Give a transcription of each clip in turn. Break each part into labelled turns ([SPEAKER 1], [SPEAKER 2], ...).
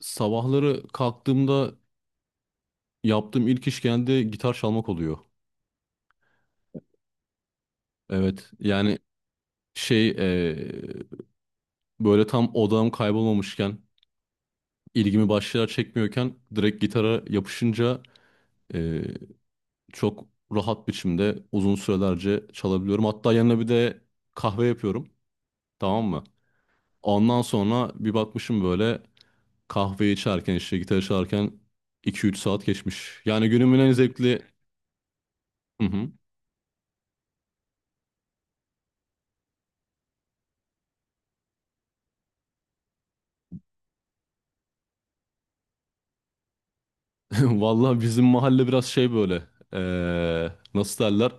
[SPEAKER 1] Sabahları kalktığımda yaptığım ilk iş genelde gitar çalmak oluyor. Evet yani şey eee, böyle tam odağım kaybolmamışken ilgimi başlar çekmiyorken direkt gitara yapışınca eee, çok rahat biçimde uzun sürelerce çalabiliyorum. Hatta yanına bir de kahve yapıyorum, tamam mı? Ondan sonra bir bakmışım böyle kahve içerken işte gitar çalarken 2 3 saat geçmiş. Yani günümün en zevkli... Hı hı. Vallahi bizim mahalle biraz şey böyle. Nasıl derler?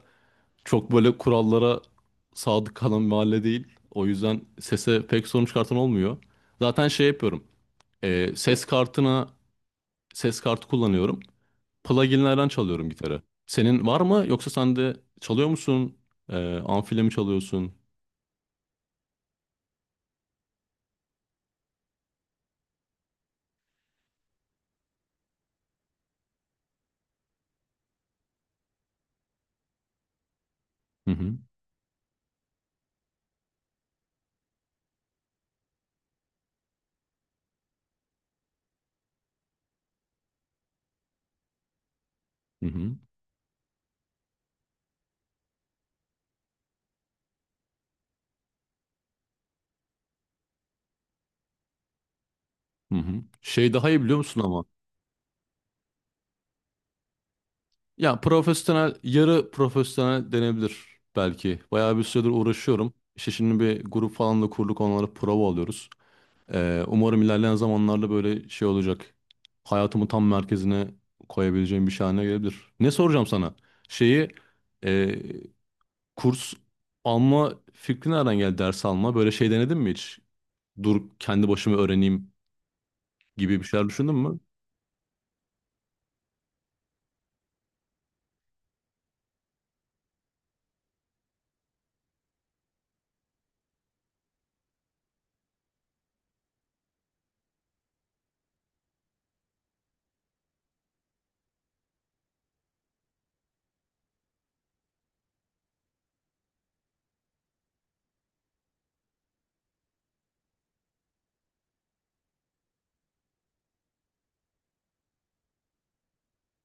[SPEAKER 1] Çok böyle kurallara sadık kalan bir mahalle değil. O yüzden sese pek sorun çıkartan olmuyor. Zaten şey yapıyorum. Ses kartına ses kartı kullanıyorum. Pluginlerden çalıyorum gitarı. Senin var mı? Yoksa sen de çalıyor musun? Amfiyle mi çalıyorsun? Hı hı. Hı hı. Hı hı. Şey daha iyi biliyor musun ama? Ya profesyonel, yarı profesyonel denebilir belki. Bayağı bir süredir uğraşıyorum. İşte şimdi bir grup falan da kurduk, onlara prova alıyoruz. Umarım ilerleyen zamanlarda böyle şey olacak. Hayatımı tam merkezine koyabileceğim bir şey haline gelebilir. Ne soracağım sana? Şeyi, e, kurs alma fikri nereden geldi, ders alma? Böyle şey denedin mi hiç? Dur kendi başıma öğreneyim gibi bir şeyler düşündün mü?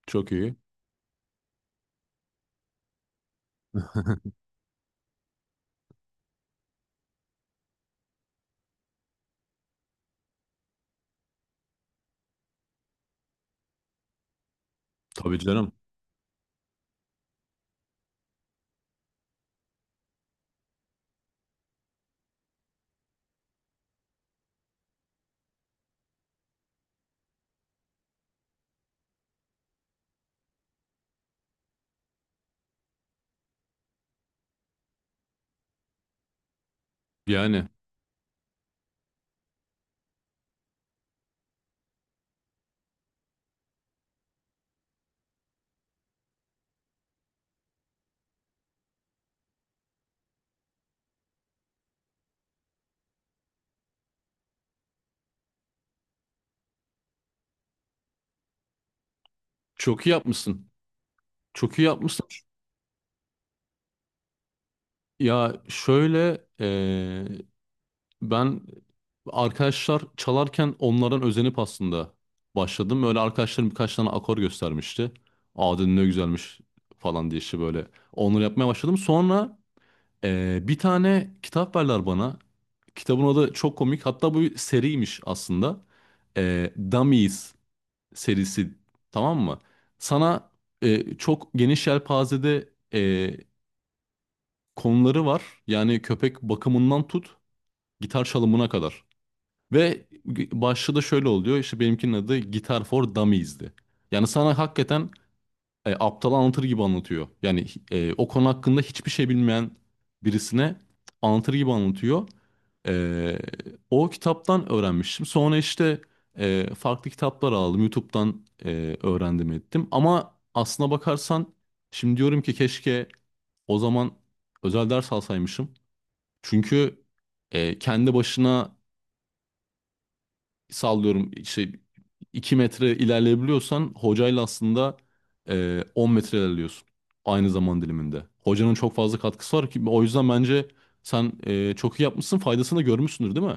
[SPEAKER 1] Çok iyi. Tabii canım. Yani çok iyi yapmışsın. Çok iyi yapmışsın. Ya şöyle ben arkadaşlar çalarken onlardan özenip aslında başladım. Böyle arkadaşlarım birkaç tane akor göstermişti. Aa dedim ne güzelmiş falan diye işte böyle onları yapmaya başladım. Sonra bir tane kitap verdiler bana. Kitabın adı çok komik. Hatta bu bir seriymiş aslında. Dummies serisi, tamam mı? Sana çok geniş yelpazede konuları var. Yani köpek bakımından tut. Gitar çalımına kadar. Ve başlığı da şöyle oluyor. İşte benimkinin adı Guitar for Dummies'di. Yani sana hakikaten aptal anlatır gibi anlatıyor. Yani o konu hakkında hiçbir şey bilmeyen birisine anlatır gibi anlatıyor. E, O kitaptan öğrenmiştim. Sonra işte farklı kitaplar aldım. YouTube'dan öğrendim ettim. Ama aslına bakarsan şimdi diyorum ki keşke o zaman özel ders alsaymışım. Çünkü kendi başına sallıyorum işte 2 metre ilerleyebiliyorsan hocayla aslında 10 metre ilerliyorsun aynı zaman diliminde. Hocanın çok fazla katkısı var ki o yüzden bence sen çok iyi yapmışsın, faydasını da görmüşsündür değil mi?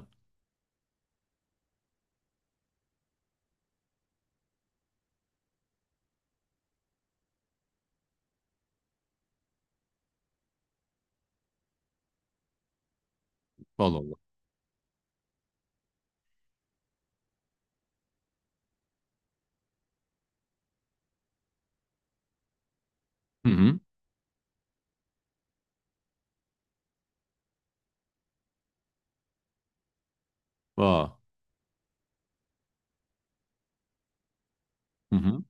[SPEAKER 1] Vallahi Allah. Hı hı. Aa. Hı hı.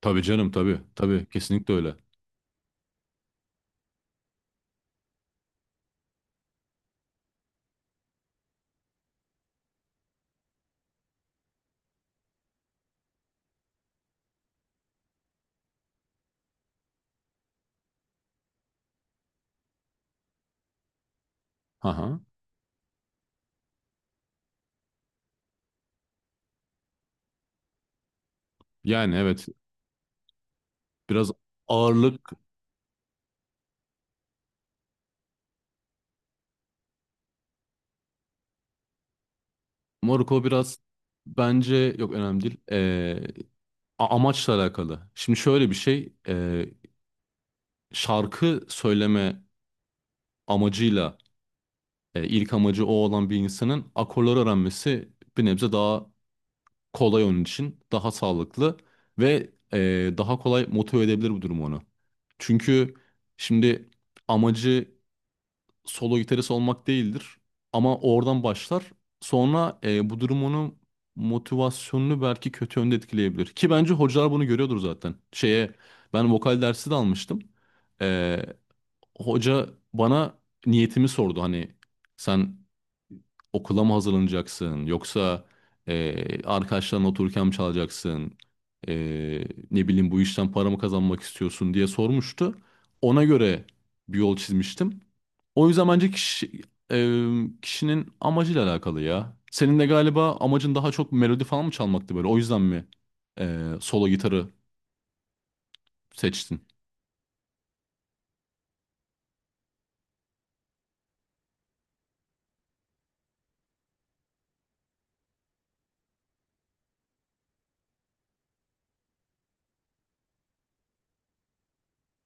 [SPEAKER 1] Tabii canım, tabii tabii, kesinlikle öyle. Aha. Yani evet biraz ağırlık Morocco biraz bence yok önemli değil. Amaçla alakalı. Şimdi şöyle bir şey, şarkı söyleme amacıyla, ilk amacı o olan bir insanın akorları öğrenmesi bir nebze daha kolay onun için, daha sağlıklı ve daha kolay motive edebilir bu durum onu. Çünkü şimdi amacı solo gitarist olmak değildir ama oradan başlar. Sonra bu durum onun motivasyonunu belki kötü yönde etkileyebilir. Ki bence hocalar bunu görüyordur zaten. Şeye ben vokal dersi de almıştım. E, Hoca bana niyetimi sordu, hani sen okula mı hazırlanacaksın yoksa arkadaşlarınla otururken mi çalacaksın? Ne bileyim, bu işten para mı kazanmak istiyorsun diye sormuştu. Ona göre bir yol çizmiştim. O yüzden bence kişi, kişinin amacıyla alakalı ya. Senin de galiba amacın daha çok melodi falan mı çalmaktı böyle, o yüzden mi solo gitarı seçtin?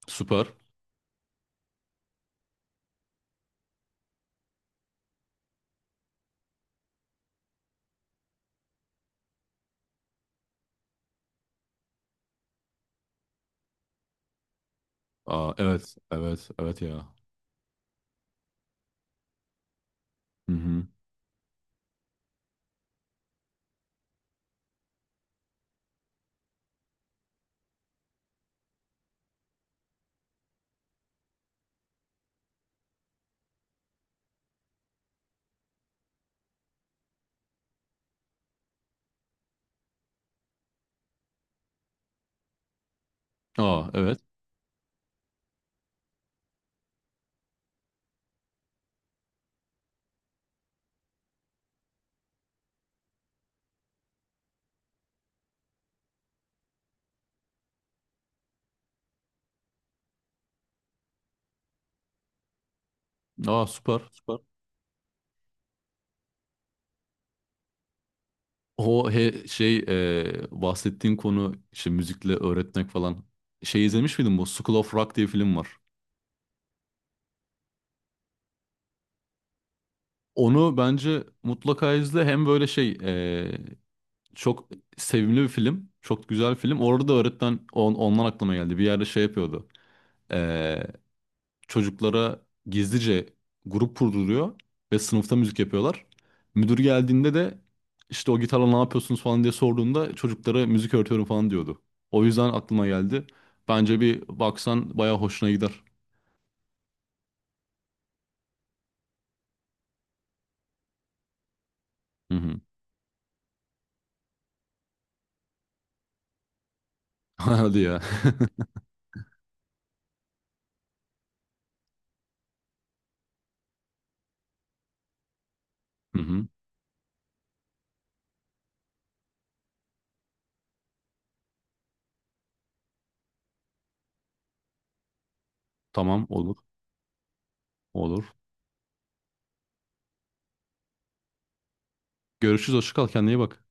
[SPEAKER 1] Süper. Aa, evet evet evet ya. Hı hı. Aa evet. Aa süper süper. Şey, bahsettiğin konu, işte müzikle öğretmek falan. Şey izlemiş miydin bu? School of Rock diye film var. Onu bence mutlaka izle. Hem böyle şey, çok sevimli bir film. Çok güzel film. Orada da öğretmen ondan aklıma geldi. Bir yerde şey yapıyordu. Çocuklara gizlice grup kurduruluyor ve sınıfta müzik yapıyorlar. Müdür geldiğinde de işte o gitarla ne yapıyorsunuz falan diye sorduğunda çocuklara müzik öğretiyorum falan diyordu. O yüzden aklıma geldi. Bence bir baksan bayağı hoşuna gider. Hı hı. Hadi ya. Hı hı. Tamam, olur. Olur. Görüşürüz. Hoşça kal. Kendine iyi bak.